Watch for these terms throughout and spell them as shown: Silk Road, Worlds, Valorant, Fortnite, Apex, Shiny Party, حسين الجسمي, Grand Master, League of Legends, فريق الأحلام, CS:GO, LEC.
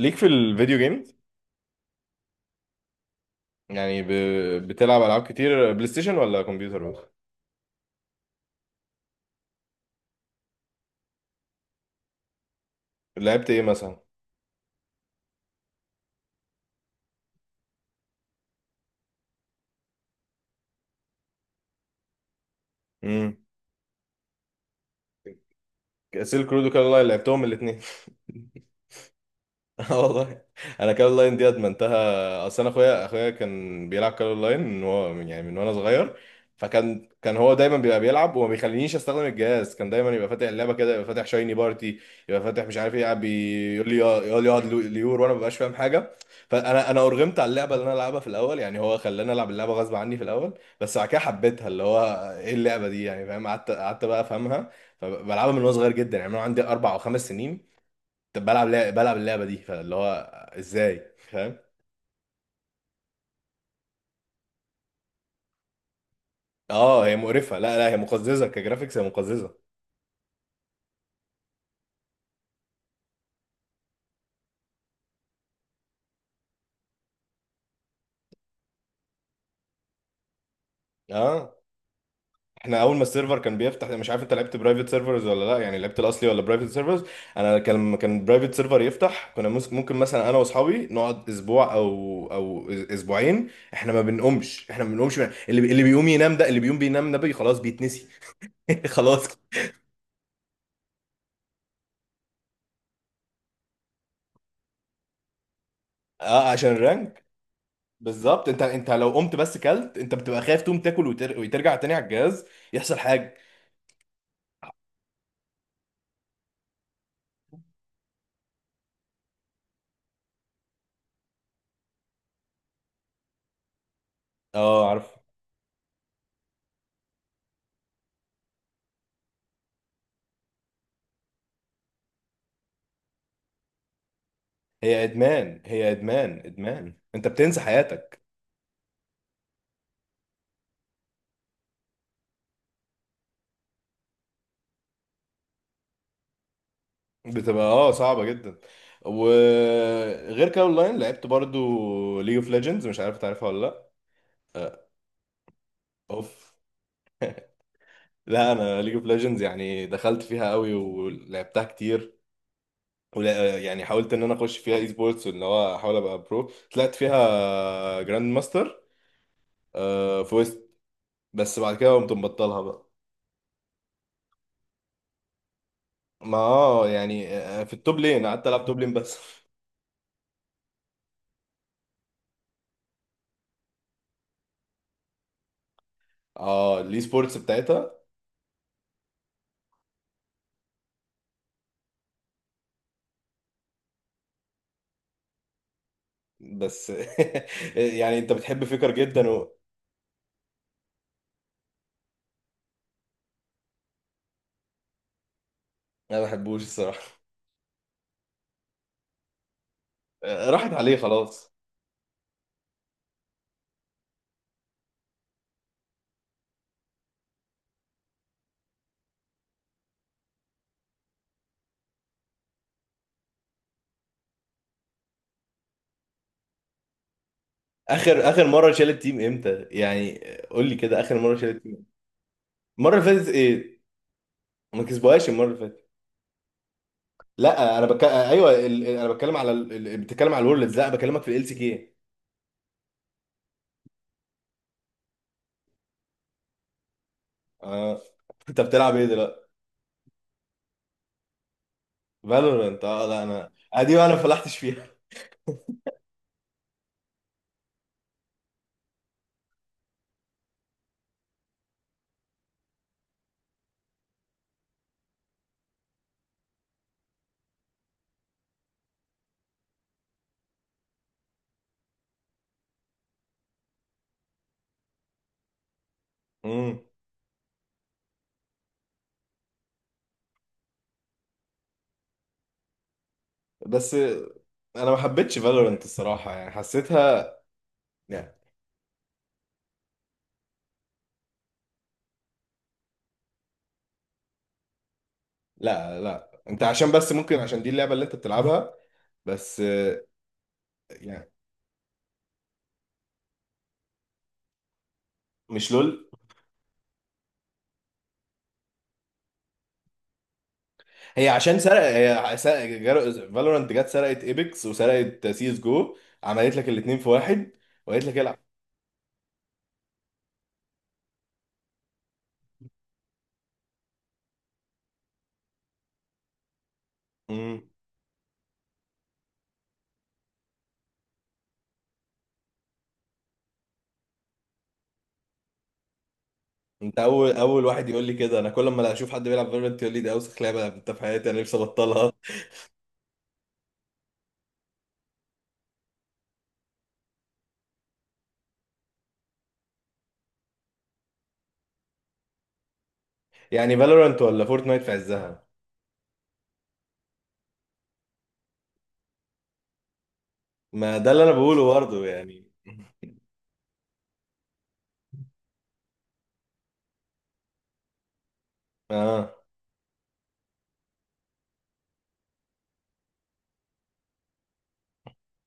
ليك في الفيديو جيمز يعني بتلعب العاب كتير بلاي ستيشن ولا كمبيوتر بس؟ لعبت ايه مثلا؟ امم سيلك رود وكالا لعبتهم الاثنين. اه والله، انا كارول لاين دي ادمنتها، اصل انا اخويا كان بيلعب كارول لاين من وانا صغير. فكان هو دايما بيبقى بيلعب وما بيخلينيش استخدم الجهاز، كان دايما يبقى فاتح اللعبه كده، يبقى فاتح شايني بارتي، يبقى فاتح مش عارف ايه، قاعد بيقول لي يقول لي اقعد ليور، وانا ما ببقاش فاهم حاجه. فانا ارغمت على اللعبه اللي انا العبها في الاول، يعني هو خلاني العب اللعبه غصب عني في الاول. بس بعد كده حبيتها، اللي هو ايه اللعبه دي يعني، فاهم؟ قعدت بقى افهمها. فبلعبها من وانا صغير جدا، يعني انا عندي اربع او خمس سنين. طب بلعب بلعب اللعبه دي، فاللي هو ازاي، فاهم؟ اه هي مقرفه، لا هي مقززه كجرافيكس، هي مقززه. اه احنا اول ما السيرفر كان بيفتح، مش عارف انت لعبت برايفت سيرفرز ولا لا، يعني لعبت الاصلي ولا برايفت سيرفرز؟ انا لما كان برايفت سيرفر يفتح، ممكن مثلا انا واصحابي نقعد اسبوع او اسبوعين. احنا ما بنقومش احنا ما بنقومش، اللي بيقوم ينام ده، اللي بيقوم بينام ده بي خلاص بيتنسي. خلاص، اه عشان الرانك. بالظبط، انت لو قمت بس كلت، انت بتبقى خايف تقوم تاكل وترجع تاني على الجهاز يحصل حاجه. اه عارف. هي ادمان ادمان، انت بتنسى حياتك. بتبقى اه صعبه جدا. وغير كده اونلاين، لعبت برضو ليج اوف ليجندز؟ مش عارف تعرفها ولا لا. آه، اوف، لا انا ليج اوف ليجندز يعني دخلت فيها قوي ولعبتها كتير، ولا يعني حاولت ان انا اخش فيها اي سبورتس، وان هو احاول ابقى برو. طلعت فيها جراند ماستر آه، في بس بعد كده قمت مبطلها بقى. ما اه يعني في التوب لين، قعدت العب توب لين بس. اه الاي سبورتس بتاعتها. بس يعني انت بتحب فكر جدا انا ما بحبوش الصراحه. راحت عليه خلاص. اخر اخر مره شالت تيم امتى يعني؟ قول لي كده، اخر مره شالت تيم المره اللي فاتت ايه؟ ما كسبوهاش المره اللي فاتت. لا انا بك... آه، ايوه، انا بتكلم على بتتكلم على الورلدز، لا بكلمك في ال سي كي. اه انت بتلعب ايه دلوقتي؟ فالورنت؟ اه لا انا ادي انا فلحتش فيها. مم. بس انا ما حبيتش فالورنت الصراحه، يعني حسيتها يعني لا، انت عشان بس ممكن عشان دي اللعبه اللي انت بتلعبها بس يعني. مش لول؟ هي عشان سرق هي، فالورنت جت سرقت ايبكس وسرقت سي اس جو، عملت لك الاثنين في واحد وقالت لك العب. امم، انت اول اول واحد يقول لي كده. انا كل ما اشوف حد بيلعب فالورنت يقول لي دي اوسخ لعبه لعبتها في حياتي، انا نفسي ابطلها. يعني فالورنت ولا فورتنايت في عزها؟ ما ده اللي انا بقوله برضه يعني. اه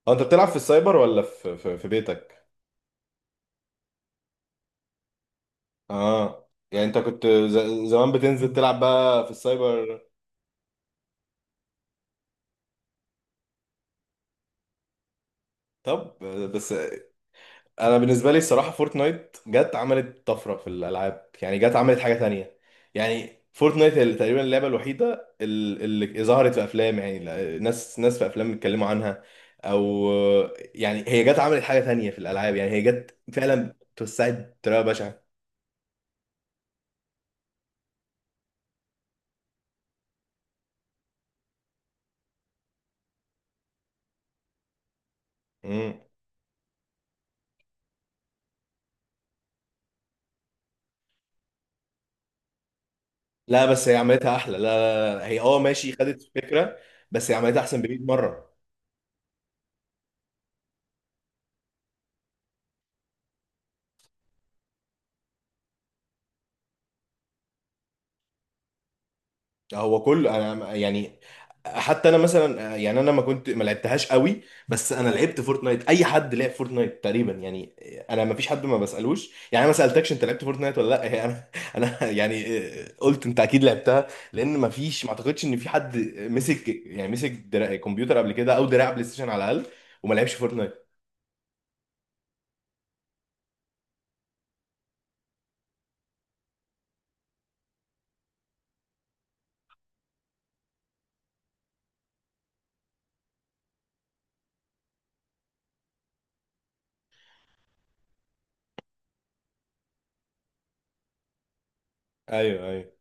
اه، انت بتلعب في السايبر ولا في بيتك؟ اه يعني انت كنت زمان بتنزل تلعب بقى في السايبر. طب بس انا بالنسبه لي الصراحه فورتنايت جت عملت طفره في الالعاب، يعني جت عملت حاجه تانية. يعني فورتنايت هي تقريبا اللعبه الوحيده اللي ظهرت في افلام، يعني ناس في افلام بيتكلموا عنها او يعني هي جت عملت حاجه تانية في الالعاب، يعني هي جت فعلا توسعت بطريقه بشعه. لا بس هي عملتها احلى، لا هي اه ماشي، خدت الفكره. بس هي عملتها احسن ب 100 مره. هو كل انا يعني حتى انا مثلا يعني انا ما كنت ما لعبتهاش قوي، بس انا لعبت فورتنايت. اي حد لعب فورتنايت تقريبا يعني. انا ما فيش حد ما بسالوش يعني، انا ما سالتكش انت لعبت فورتنايت ولا لا، هي انا انا يعني قلت انت اكيد لعبتها، لان ما فيش ما اعتقدش ان في حد مسك يعني مسك كمبيوتر قبل كده او دراع بلاي ستيشن على الاقل وما لعبش فورتنايت. ايوه،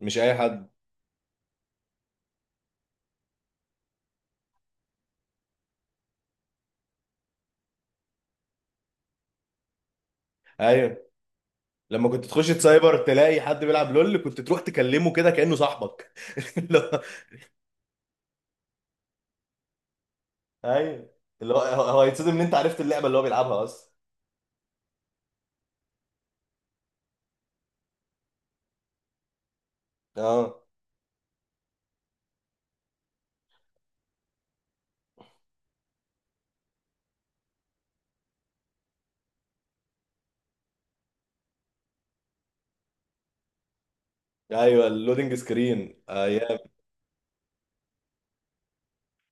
مش اي حد. ايوه، لما كنت تخش سايبر تلاقي حد بيلعب لول كنت تروح تكلمه كده كأنه صاحبك. اللي هو ايوه، اللي هو هو هيتصدم ان انت عرفت اللعبه اللي هو بيلعبها اصلا. اه ايوه اللودنج سكرين ايام.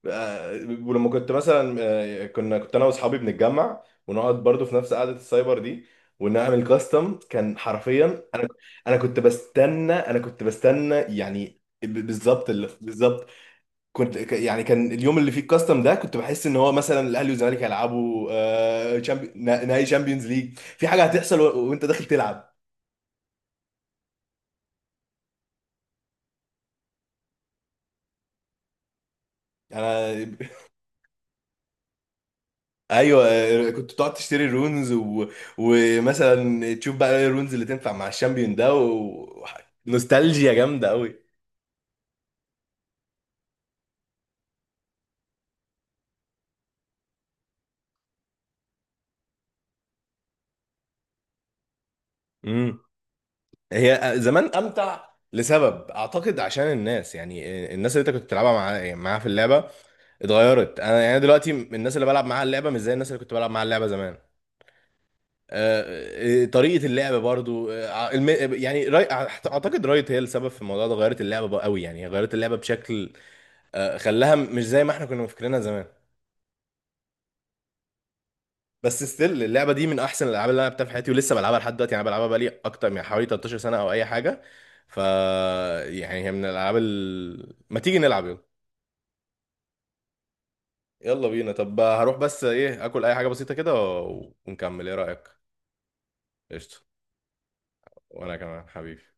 آه، ولما كنت مثلا كنا كنت انا واصحابي بنتجمع ونقعد برضو في نفس قعده السايبر دي، ونعمل كاستم. كان حرفيا انا انا كنت بستنى انا كنت بستنى يعني بالظبط بالظبط كنت يعني كان اليوم اللي فيه الكاستم ده كنت بحس ان هو مثلا الاهلي والزمالك هيلعبوا نهائي شامبيونز ليج، في حاجه هتحصل وانت داخل تلعب. انا ايوه كنت تقعد تشتري الرونز ومثلا تشوف بقى ايه الرونز اللي تنفع مع الشامبيون ده نوستالجيا جامده قوي. امم، هي زمان امتع لسبب، اعتقد عشان الناس يعني الناس اللي انت كنت بتلعبها مع معاها في اللعبه اتغيرت. انا يعني دلوقتي الناس اللي بلعب معاها اللعبه مش زي الناس اللي كنت بلعب معاها اللعبه زمان. طريقة اللعب برضو يعني اعتقد رايت هي السبب في الموضوع ده، غيرت اللعبة بقى قوي، يعني هي غيرت اللعبة بشكل خلاها مش زي ما احنا كنا فاكرينها زمان. بس ستيل اللعبة دي من احسن الالعاب اللي انا لعبتها في حياتي، ولسه بلعبها لحد دلوقتي، يعني أنا بلعبها بقالي اكتر من حوالي 13 سنة او اي حاجة. ف يعني هي من الالعاب. ما تيجي نلعب، يلا. يلا بينا، طب هروح بس ايه اكل اي حاجة بسيطة كده ونكمل، ايه رأيك؟ قشطة. وانا كمان حبيبي.